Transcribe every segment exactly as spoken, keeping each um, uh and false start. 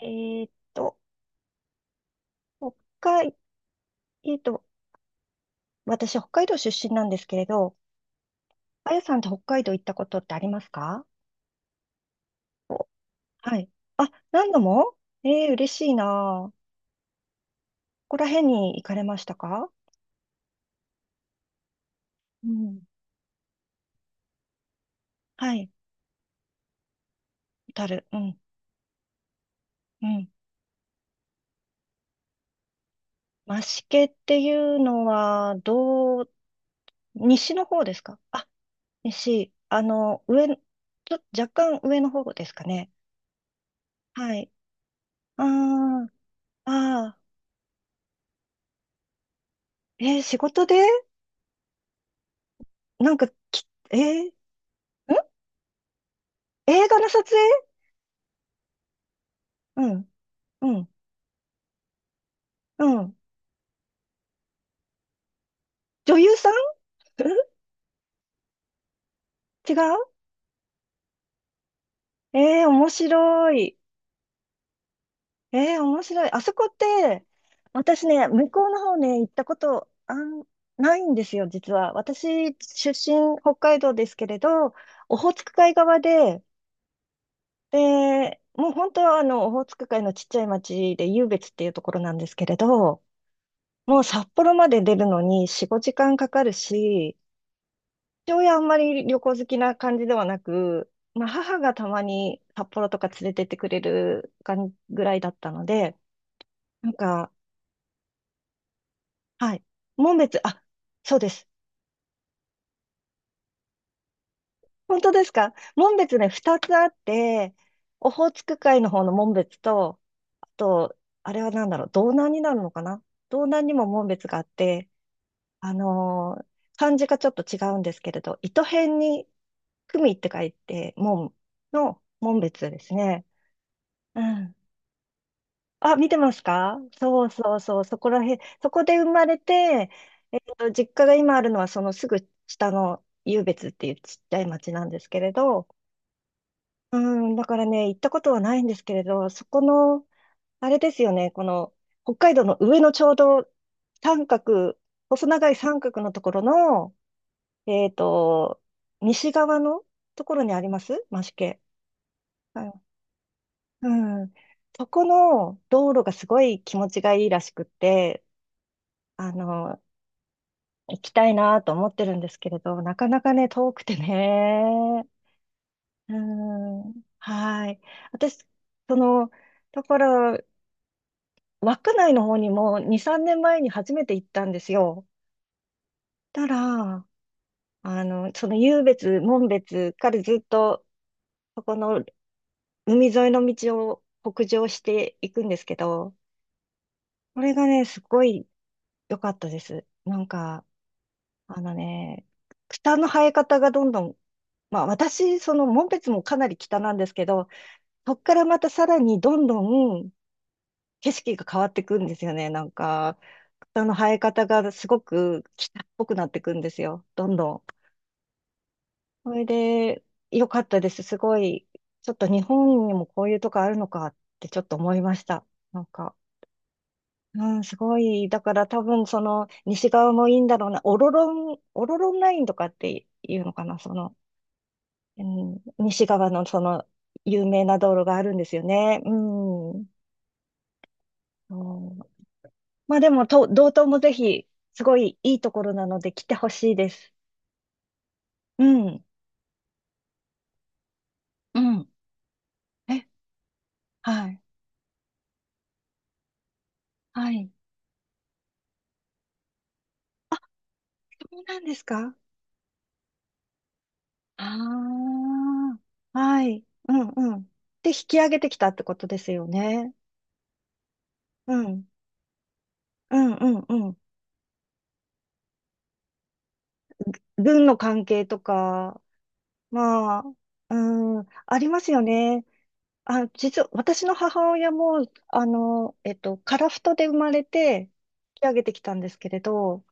えーっと、北海、えーっと、私、北海道出身なんですけれど、あやさんって北海道行ったことってありますか？お、はい。あ、何度も。えー、嬉しいなあ。ここら辺に行かれましたか？うん。はい。小樽。うん。うん。増毛っていうのは、どう、西の方ですかあ？西。あの、上、ちょ、若干上の方ですかね？はい。ああ、ああ、えー仕事でなんかき、えーん映画の撮影。うん、うん、うん。女優さんん？ 違う。ええー、面白い。ええー、面白い。あそこって、私ね、向こうの方ね、行ったこと、あん、ないんですよ、実は。私、出身、北海道ですけれど、オホーツク海側で、で、もう本当はあの、オホーツク海のちっちゃい町で、湧別っていうところなんですけれど、もう札幌まで出るのによん、ごじかんかかるし、父親あんまり旅行好きな感じではなく、まあ、母がたまに札幌とか連れてってくれるかんぐらいだったので、なんか、はい。紋別、あ、そうです。本当ですか？紋別ね、ふたつあって、オホーツク海の方の紋別と、あと、あれは何だろう、道南になるのかな？道南にも紋別があって、あのー漢字がちょっと違うんですけれど、糸辺に組って書いて、紋の紋別ですね。うん。あ、見てますか？そうそうそう、そこらへん、そこで生まれて、えっと、実家が今あるのはそのすぐ下の湧別っていうちっちゃい町なんですけれど、うん、だからね、行ったことはないんですけれど、そこの、あれですよね、この北海道の上のちょうど三角、細長い三角のところの、えっと、西側のところにあります増毛。はい。うん、うん。そこの道路がすごい気持ちがいいらしくって、あの、行きたいなと思ってるんですけれど、なかなかね、遠くてね。うん。はい。私、その、だから、稚内の方にもに、さんねんまえに初めて行ったんですよ。たら、あの、その湧別、門別からずっと、そこの海沿いの道を北上していくんですけど、これがね、すごい良かったです。なんか、あのね、草の生え方がどんどん。まあ、私、その紋別もかなり北なんですけど、そっからまたさらにどんどん景色が変わってくんですよね。なんか、草の生え方がすごく北っぽくなってくんですよ。どんどん。それで、良かったです。すごい、ちょっと日本にもこういうとこあるのかってちょっと思いました。なんか、うん、すごい。だから多分その西側もいいんだろうな。オロロン、オロロンラインとかっていうのかな。その、うん、西側のその有名な道路があるんですよね。うん。うん。まあでも、と、道東もぜひ、すごいいいところなので来てほしいです。うん。うん。え、はい。はい。そうなんですか？ああー、はい。うんうん。で、引き上げてきたってことですよね。うん。うんうんうん。軍の関係とか、まあ、うん、ありますよね。あ、実は、私の母親も、あの、えっと、樺太で生まれて、引き上げてきたんですけれど、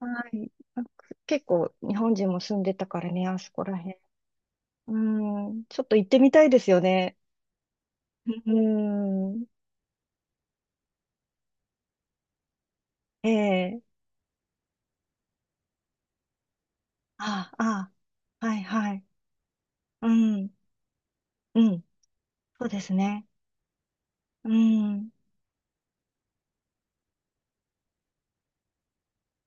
はい。なんか結構、日本人も住んでたからね、あそこら辺。うん、ちょっと行ってみたいですよね。うん、ええ。ああ、あ、はい、はい。うん、うん、そうですね。うん。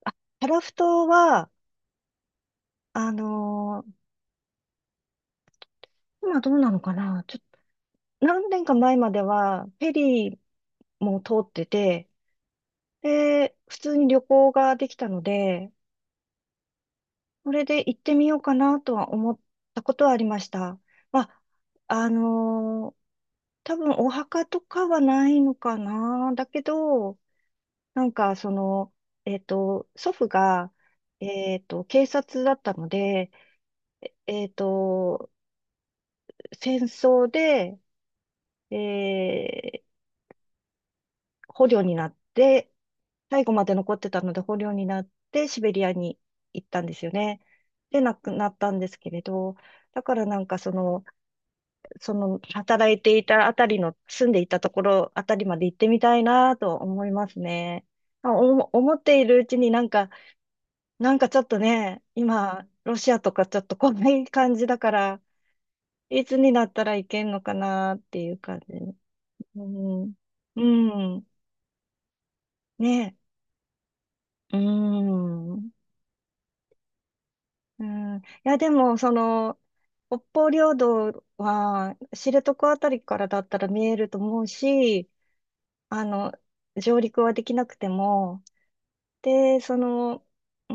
あ、樺太は、あのー今どうなのかな。ちょっと、何年か前までは、フェリーも通ってて、で、普通に旅行ができたので、それで行ってみようかなとは思ったことはありました。まあ、あのー多分お墓とかはないのかな。だけど、なんかその、えっと、祖父が、えっと、警察だったので、えっと、戦争で、え捕虜になって、最後まで残ってたので捕虜になってシベリアに行ったんですよね。で、亡くなったんですけれど、だからなんかその、その働いていたあたりの、住んでいたところあたりまで行ってみたいなと思いますね。まあおも思っているうちになんか、なんか、ちょっとね、今、ロシアとかちょっとこんな感じだから、いつになったらいけんのかなっていう感じ。うん。うん。ね。うん。うん、いや、でも、その、北方領土は、知床あたりからだったら見えると思うし、あの、上陸はできなくても、で、その、うー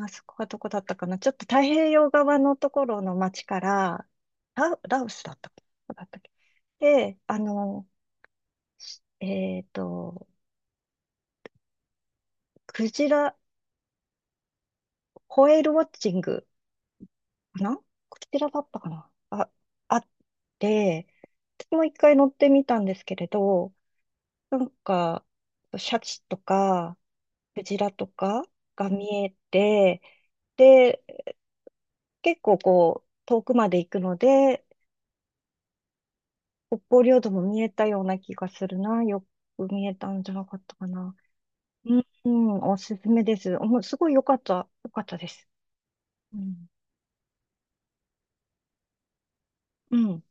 ん、あそこはどこだったかな。ちょっと太平洋側のところの町から、ラ、ラオスだったっけどこだったっけ？で、あの、えっと、クジラ、ホエールウォッチングかな？こちらだったかなあ、あって、私もいっかい乗ってみたんですけれど、なんか、シャチとか、クジラとかが見えて、で、結構こう、遠くまで行くので、北方領土も見えたような気がするな。よく見えたんじゃなかったかな。うん、うん。おすすめです。もうすごい良かった、良かったです。うん。うん。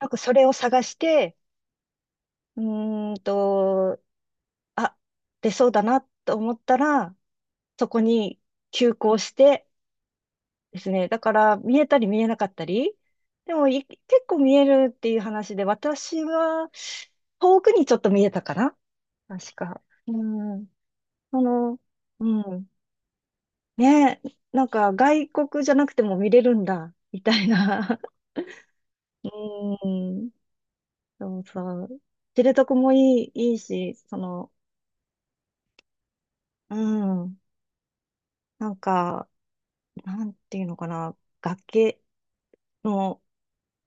なんかそれを探して、うーんと、あ、出そうだなと思ったら、そこに急行してですね。だから見えたり見えなかったり。でもい、結構見えるっていう話で、私は遠くにちょっと見えたかな確か。うん。その、うん。ね、なんか外国じゃなくても見れるんだ、みたいな。うん。そうそう。知床もいい、いいし、その、うん。なんか、なんていうのかな。崖、の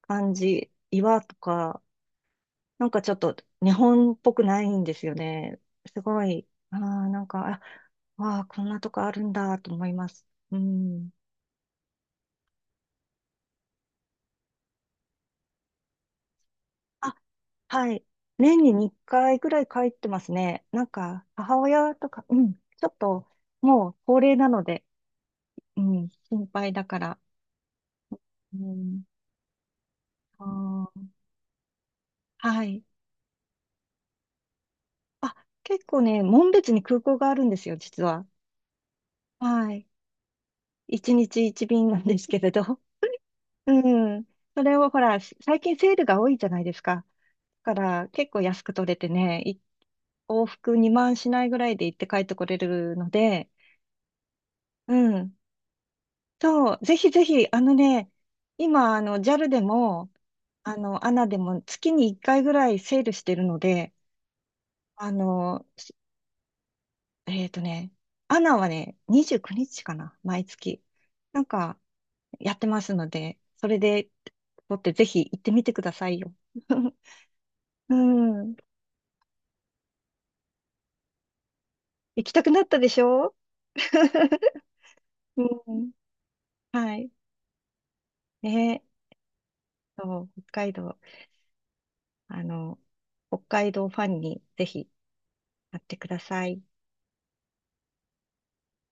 感じ、岩とか、なんかちょっと日本っぽくないんですよね。すごい、ああ、なんか、あ、わあ、こんなとこあるんだと思います。うん。あ、はい。年ににかいぐらい帰ってますね。なんか、母親とか、うん、ちょっと、もう高齢なので、うん、心配だから。うん、あー、はい。あ、結構ね、紋別に空港があるんですよ、実は。はい。いちにちいちびんなんですけれど。うん。それをほら、し最近セールが多いじゃないですか。だから結構安く取れてね、い往復にまんしないぐらいで行って帰ってこれるので、うん。そう、ぜひぜひ、あのね、今、あの、ジャル でも、あの、アナ でも月にいっかいぐらいセールしてるので、あの、しえっとね、アナ はね、にじゅうくにちかな、毎月。なんか、やってますので、それで、取ってぜひ行ってみてくださいよ。うん。行きたくなったでしょ？ うん。はい。ね。そう、北海道。あの、北海道ファンにぜひなってください。